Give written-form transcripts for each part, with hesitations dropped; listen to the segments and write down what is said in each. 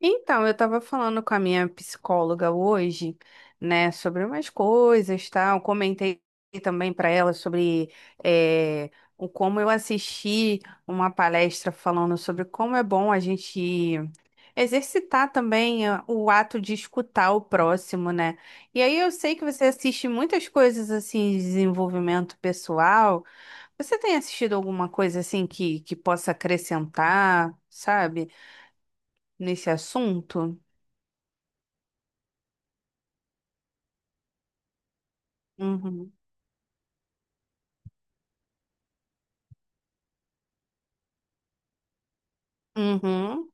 Então, eu estava falando com a minha psicóloga hoje, né, sobre umas coisas, tal. Comentei também para ela sobre eh, o como eu assisti uma palestra falando sobre como é bom a gente exercitar também o ato de escutar o próximo, né? E aí eu sei que você assiste muitas coisas assim de desenvolvimento pessoal. Você tem assistido alguma coisa assim que possa acrescentar, sabe, nesse assunto? Uhum. Uhum.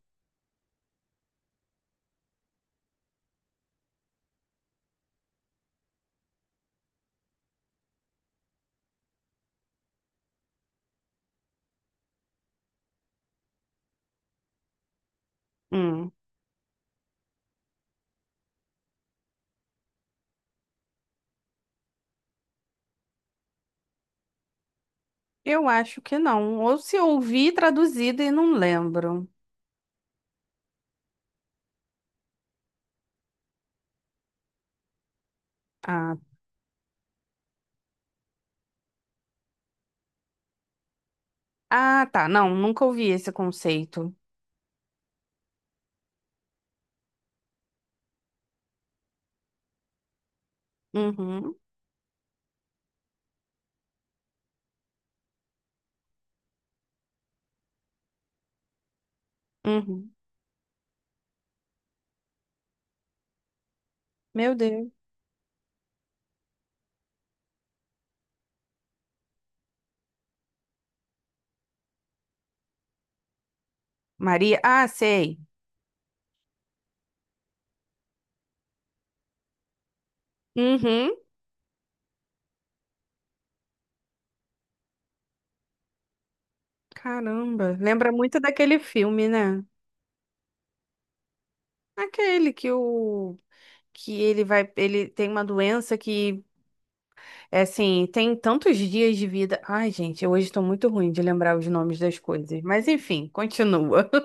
Hum. Eu acho que não. Ou se ouvi traduzido e não lembro. Ah, ah, tá. Não, nunca ouvi esse conceito. Uhum. Uhum. Meu Deus. Maria. Ah, sei. Uhum. Caramba. Lembra muito daquele filme, né? Aquele que o que ele vai, ele tem uma doença que, é assim, tem tantos dias de vida. Ai, gente, eu hoje estou muito ruim de lembrar os nomes das coisas. Mas enfim, continua.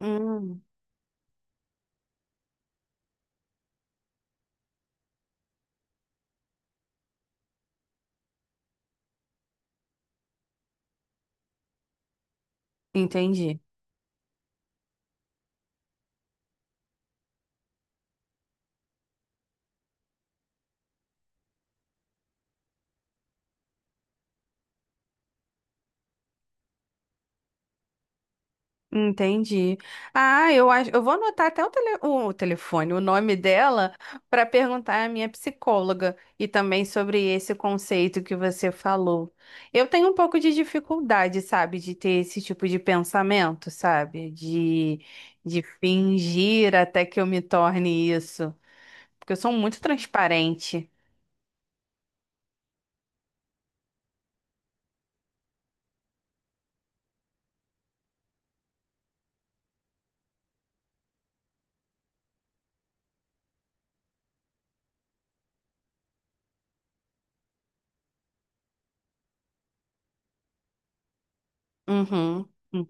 Hum, entendi. Entendi. Ah, eu acho, eu vou anotar até o, tele, o telefone, o nome dela, para perguntar à minha psicóloga e também sobre esse conceito que você falou. Eu tenho um pouco de dificuldade, sabe, de ter esse tipo de pensamento, sabe, de fingir até que eu me torne isso, porque eu sou muito transparente. Uhum. Hum.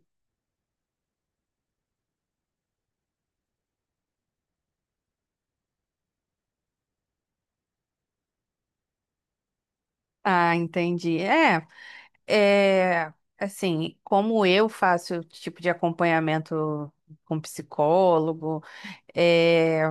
Ah, entendi. É. É, assim, como eu faço tipo de acompanhamento com psicólogo, é,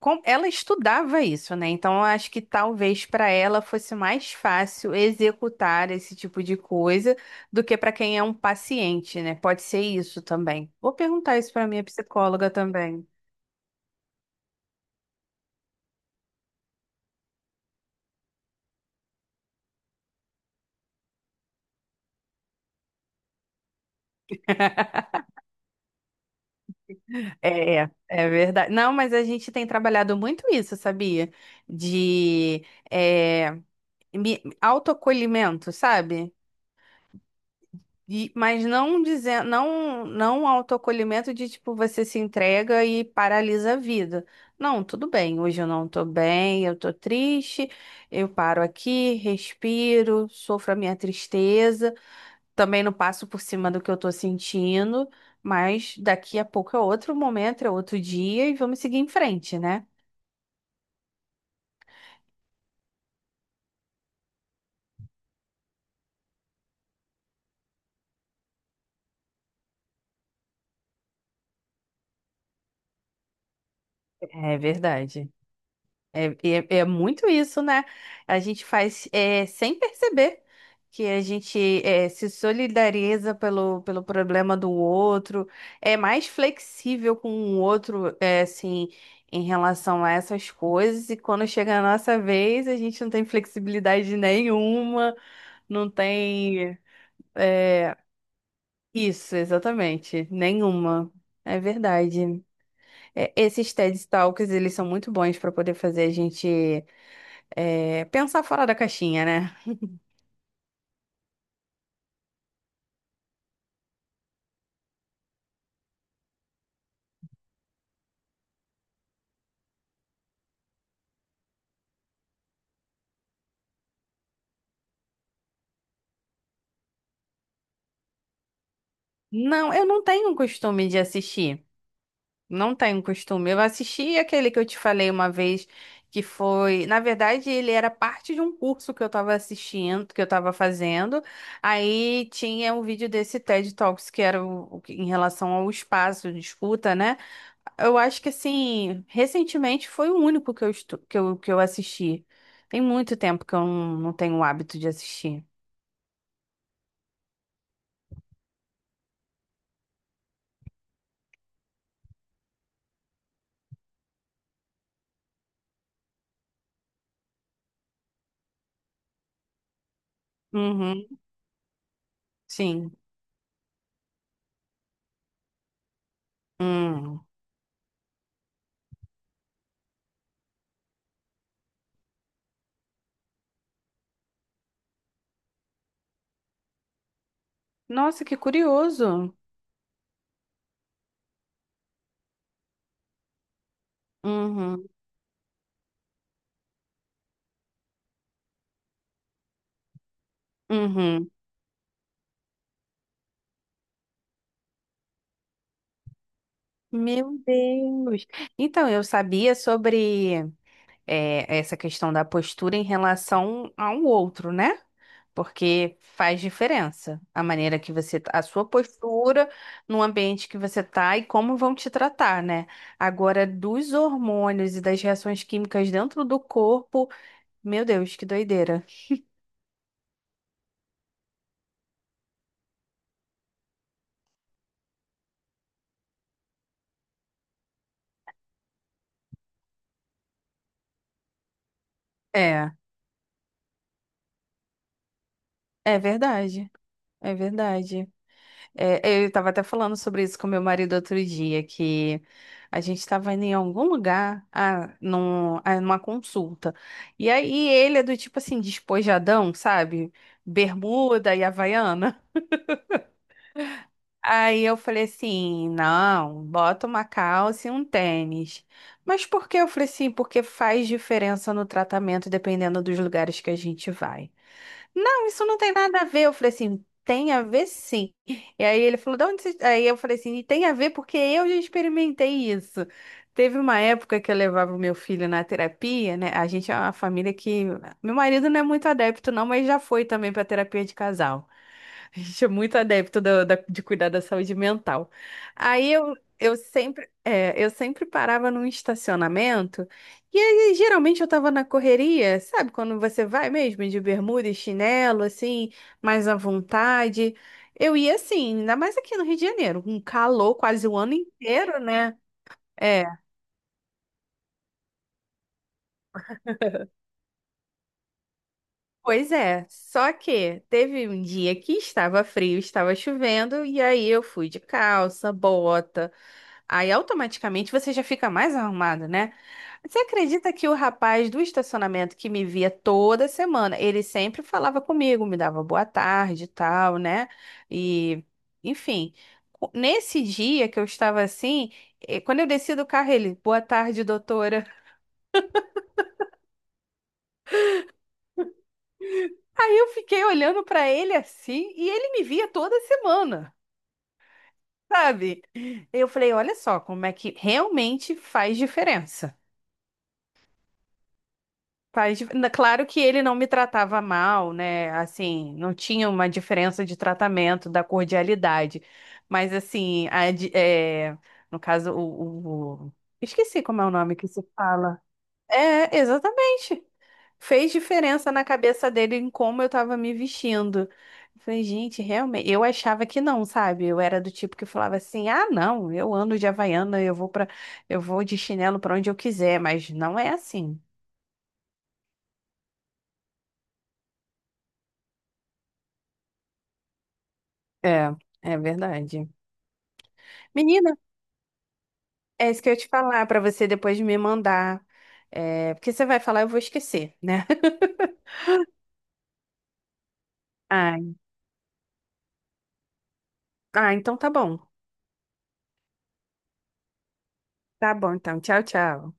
com- ela estudava isso, né? Então, eu acho que talvez para ela fosse mais fácil executar esse tipo de coisa do que para quem é um paciente, né? Pode ser isso também. Vou perguntar isso para minha psicóloga também. É, é verdade. Não, mas a gente tem trabalhado muito isso, sabia? De é, me- autoacolhimento, sabe? E- mas não dizer, não, não um autoacolhimento de tipo você se entrega e paralisa a vida. Não, tudo bem, hoje eu não tô bem, eu tô triste, eu paro aqui, respiro, sofro a minha tristeza, também não passo por cima do que eu tô sentindo, mas daqui a pouco é outro momento, é outro dia e vamos seguir em frente, né? É verdade. É, é, muito isso, né? A gente faz é, sem perceber que a gente é, se solidariza pelo problema do outro, é mais flexível com o outro, é, assim, em relação a essas coisas, e quando chega a nossa vez, a gente não tem flexibilidade nenhuma, não tem. É, isso, exatamente, nenhuma. É verdade. É, esses TED Talks, eles são muito bons para poder fazer a gente é, pensar fora da caixinha, né? Não, eu não tenho um costume de assistir. Não tenho costume. Eu assisti aquele que eu te falei uma vez, que foi. Na verdade, ele era parte de um curso que eu tava assistindo, que eu tava fazendo. Aí tinha um vídeo desse TED Talks, que era o que- em relação ao espaço de escuta, né? Eu acho que, assim, recentemente foi o único que eu, estu- que eu assisti. Tem muito tempo que eu não, não tenho o hábito de assistir. Uhum, sim. Hum. Nossa, que curioso. Uhum, uhum. Meu Deus. Então, eu sabia sobre é, essa questão da postura em relação ao outro, né? Porque faz diferença a maneira que você, tá, a sua postura no ambiente que você tá e como vão te tratar, né? Agora, dos hormônios e das reações químicas dentro do corpo, meu Deus, que doideira. É, é verdade, é verdade. Eu estava até falando sobre isso com meu marido outro dia, que a gente estava indo em algum lugar, ah, num, ah, numa consulta. E aí ele é do tipo assim, despojadão, sabe? Bermuda e Havaiana. Aí eu falei assim, não, bota uma calça e um tênis. Mas por que? Eu falei assim, porque faz diferença no tratamento dependendo dos lugares que a gente vai não, isso não tem nada a ver. Eu falei assim, tem a ver sim. E aí ele falou, de onde você... Aí eu falei assim, tem a ver porque eu já experimentei isso. Teve uma época que eu levava o meu filho na terapia, né? A gente é uma família que. Meu marido não é muito adepto, não, mas já foi também para terapia de casal. A gente é muito adepto da- da- de cuidar da saúde mental. Aí eu, sempre, é, eu sempre parava num estacionamento e aí, geralmente eu tava na correria, sabe? Quando você vai mesmo de bermuda e chinelo, assim, mais à vontade. Eu ia assim, ainda mais aqui no Rio de Janeiro, um calor quase o ano inteiro, né? É, pois é. Só que teve um dia que estava frio, estava chovendo, e aí eu fui de calça, bota. Aí automaticamente você já fica mais arrumado, né? Você acredita que o rapaz do estacionamento que me via toda semana, ele sempre falava comigo, me dava boa tarde e tal, né? E, enfim, co- nesse dia que eu estava assim, quando eu desci do carro, ele, boa tarde, doutora. Aí eu fiquei olhando para ele assim, e ele me via toda semana, sabe? Eu falei, olha só como é que realmente faz diferença. Faz dif- na- Claro que ele não me tratava mal, né? Assim, não tinha uma diferença de tratamento, da cordialidade. Mas, assim, a di- é, no caso, o- Esqueci como é o nome que se fala. É, exatamente. Fez diferença na cabeça dele em como eu tava me vestindo. Eu falei, gente, realmente. Eu achava que não, sabe? Eu era do tipo que falava assim: ah, não, eu ando de Havaiana, eu vou para, eu vou de chinelo pra onde eu quiser, mas não é assim. É, é verdade. Menina, é isso que eu ia te falar pra você depois me mandar. É, porque você vai falar, eu vou esquecer, né? Ah, ah, então tá bom. Tá bom, então. Tchau, tchau.